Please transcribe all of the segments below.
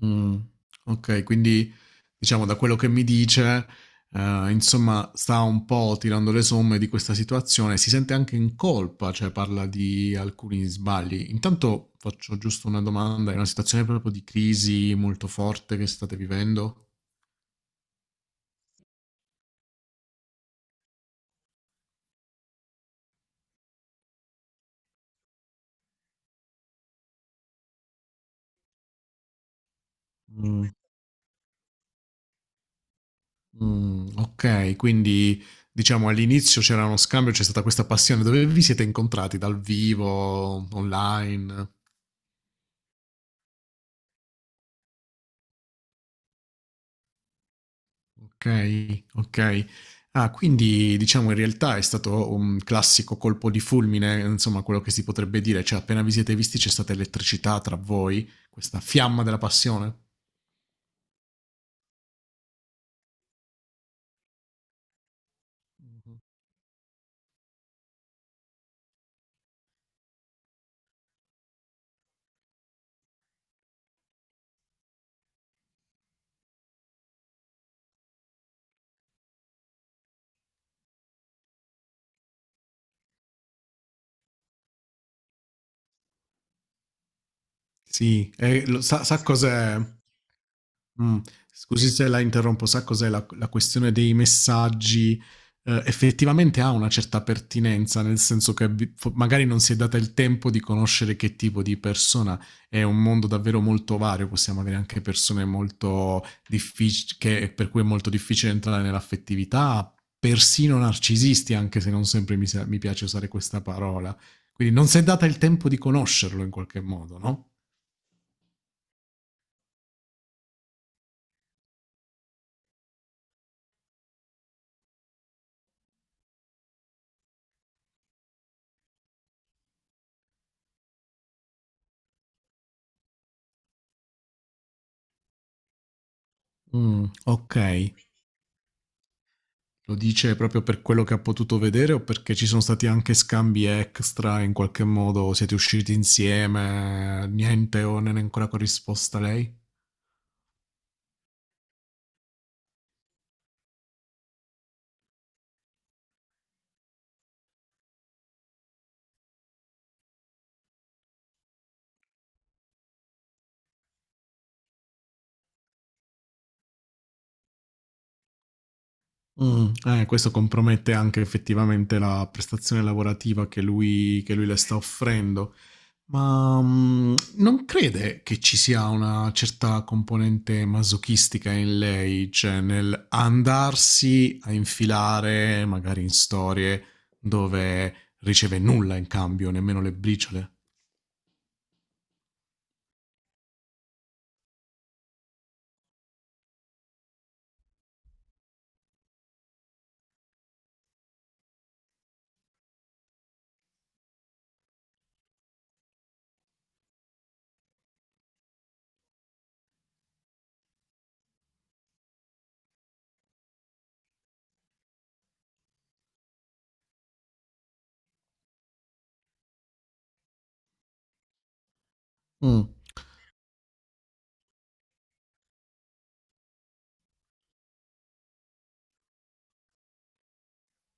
Mh, okay, quindi diciamo da quello che mi dice, insomma sta un po' tirando le somme di questa situazione, si sente anche in colpa, cioè parla di alcuni sbagli. Intanto faccio giusto una domanda, è una situazione proprio di crisi molto forte che state vivendo? Mh. Okay, quindi diciamo all'inizio c'era uno scambio, c'è stata questa passione. Dove vi siete incontrati? Dal vivo, online? Okay, okay. Ah, quindi diciamo in realtà è stato un classico colpo di fulmine, insomma quello che si potrebbe dire, cioè appena vi siete visti c'è stata elettricità tra voi, questa fiamma della passione? Mh-mh. Sì, e lo sa cos'è? Mh. Scusi se la interrompo, sa cos'è la questione dei messaggi, effettivamente ha una certa pertinenza, nel senso che vi fo magari non si è data il tempo di conoscere che tipo di persona è un mondo davvero molto vario, possiamo avere anche persone molto diffic che per cui è molto difficile entrare nell'affettività, persino narcisisti, anche se non sempre mi piace usare questa parola. Quindi non s'è data il tempo di conoscerlo in qualche modo, no? Okay. Lo dice proprio per quello che ha potuto vedere o perché ci sono stati anche scambi extra in qualche modo? Siete usciti insieme? Niente o non è ancora corrisposta lei? Mm, questo compromette anche effettivamente la prestazione lavorativa che lui le sta offrendo. Ma, non crede che ci sia una certa componente masochistica in lei, cioè nel andarsi a infilare magari in storie dove riceve nulla in cambio, nemmeno le briciole? Mh.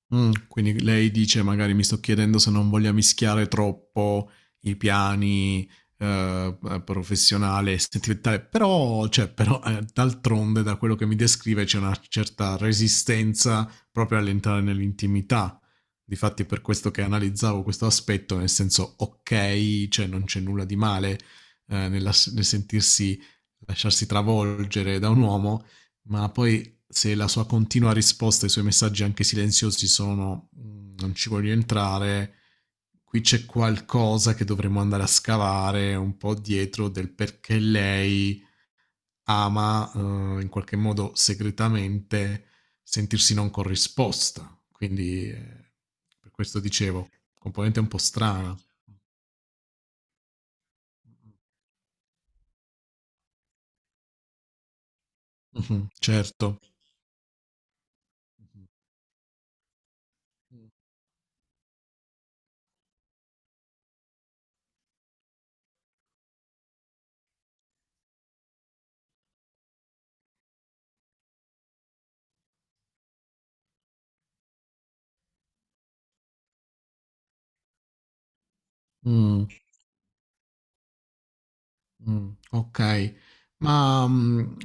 Quindi lei dice: "Magari mi sto chiedendo se non voglia mischiare troppo i piani, p professionale e sentimentale", però, d'altronde da quello che mi descrive c'è una certa resistenza proprio all'entrare nell'intimità. Difatti per questo che analizzavo questo aspetto, nel senso: okay, cioè non c'è nulla di male, nel sentirsi lasciarsi travolgere da un uomo, ma poi se la sua continua risposta ai suoi messaggi anche silenziosi sono "Mm, non ci voglio entrare, qui c'è qualcosa che dovremmo andare a scavare un po' dietro del perché lei ama in qualche modo segretamente sentirsi non corrisposta. Quindi per questo dicevo, componente un po' strana. Mhm, certo. Mm. Okay. Ma, mhmm,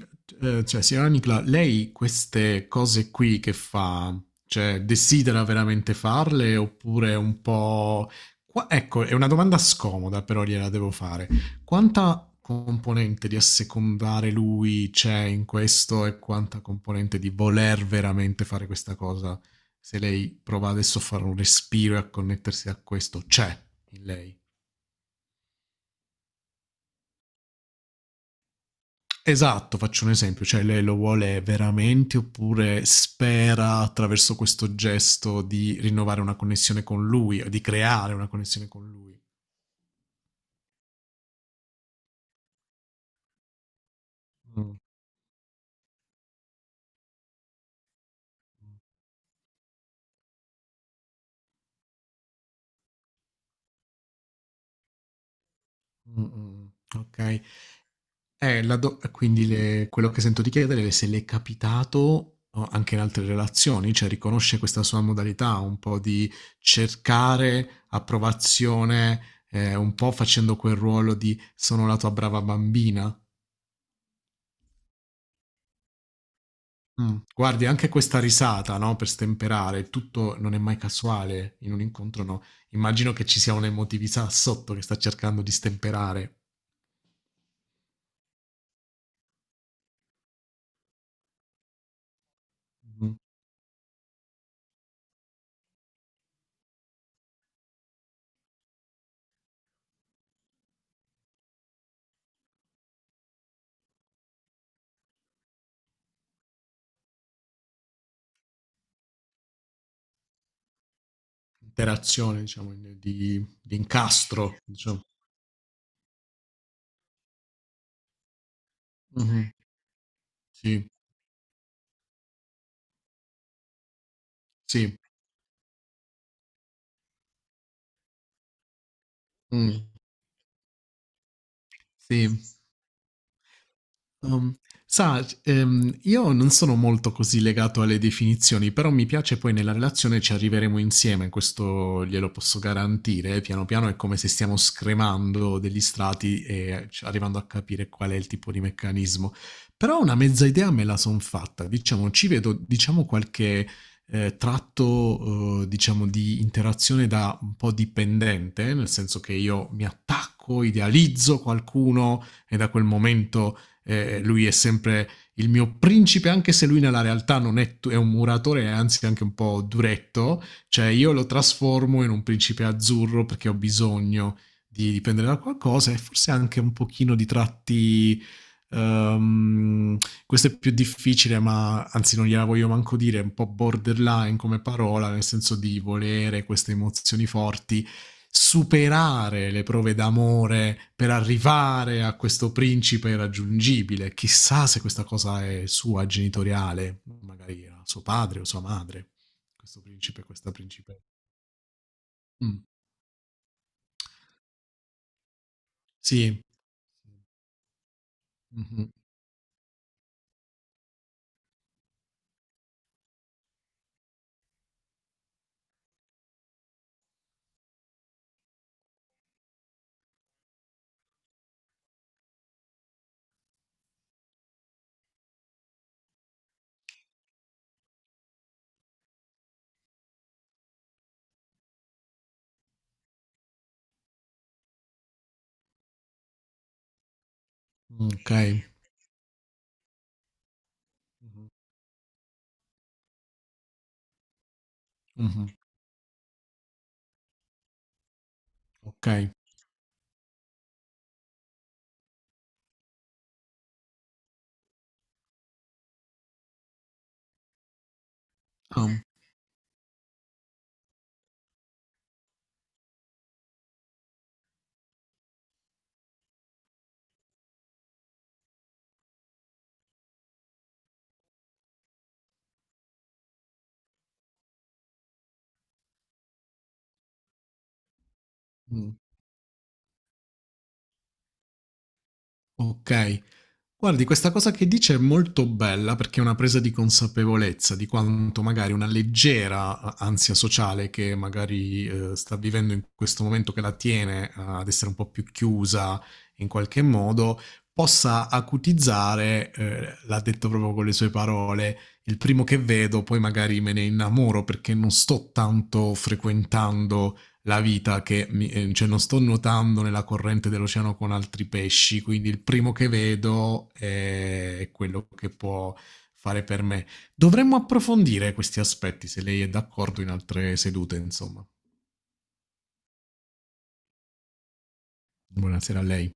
ehm, cioè signora Nicla, lei queste cose qui che fa, cioè desidera veramente farle oppure è un po' qua ecco, è una domanda scomoda, però gliela devo fare. Quanta componente di assecondare lui c'è in questo e quanta componente di voler veramente fare questa cosa? Se lei prova adesso a fare un respiro e a connettersi a questo, c'è in lei? Esatto, faccio un esempio, cioè lei lo vuole veramente oppure spera attraverso questo gesto di rinnovare una connessione con lui o di creare una connessione con lui. Mm, mm, mm. Ok. La do- quindi le- quello che sento di chiedere è se le è capitato oh, anche in altre relazioni, cioè riconosce questa sua modalità un po' di cercare approvazione, un po' facendo quel ruolo di sono la tua brava bambina. Mh. Guardi anche questa risata, no, per stemperare, tutto non è mai casuale in un incontro, no, immagino che ci sia un'emotività sotto che sta cercando di stemperare. Mh. Interazione diciamo in di incastro, diciamo. Mh-mh. Sì, sì. Mh. Sì. Um, sa, io non sono molto così legato alle definizioni, però mi piace poi nella relazione ci arriveremo insieme, questo glielo posso garantire. Piano piano è come se stiamo scremando degli strati e arrivando a capire qual è il tipo di meccanismo. Però una mezza idea me la son fatta, diciamo, ci vedo, diciamo, qualche tratto, diciamo, di interazione da un po' dipendente, nel senso che io mi attacco, idealizzo qualcuno e da quel momento lui è sempre il mio principe, anche se lui nella realtà non è, è un muratore, è anzi anche un po' duretto, cioè io lo trasformo in un principe azzurro perché ho bisogno di dipendere da qualcosa e forse anche un pochino di tratti... Um, questo è più difficile, ma anzi non gliela voglio manco dire, è un po' borderline come parola, nel senso di volere queste emozioni forti superare le prove d'amore per arrivare a questo principe irraggiungibile. Chissà se questa cosa è sua genitoriale, magari era suo padre o sua madre, questo principe, questa principessa. Mm, Sì. Mhm. Ok. Mhm. Mhm. Ok. Ah, mm, Ok. Guardi, questa cosa che dice è molto bella perché è una presa di consapevolezza di quanto magari una leggera ansia sociale che magari sta vivendo in questo momento che la tiene ad essere un po' più chiusa in qualche modo, possa acutizzare, l'ha detto proprio con le sue parole, il primo che vedo, poi magari me ne innamoro perché non sto tanto frequentando la vita cioè non sto nuotando nella corrente dell'oceano con altri pesci, quindi il primo che vedo è quello che può fare per me. Dovremmo approfondire questi aspetti, se lei è d'accordo, in altre sedute, insomma. Buonasera a lei.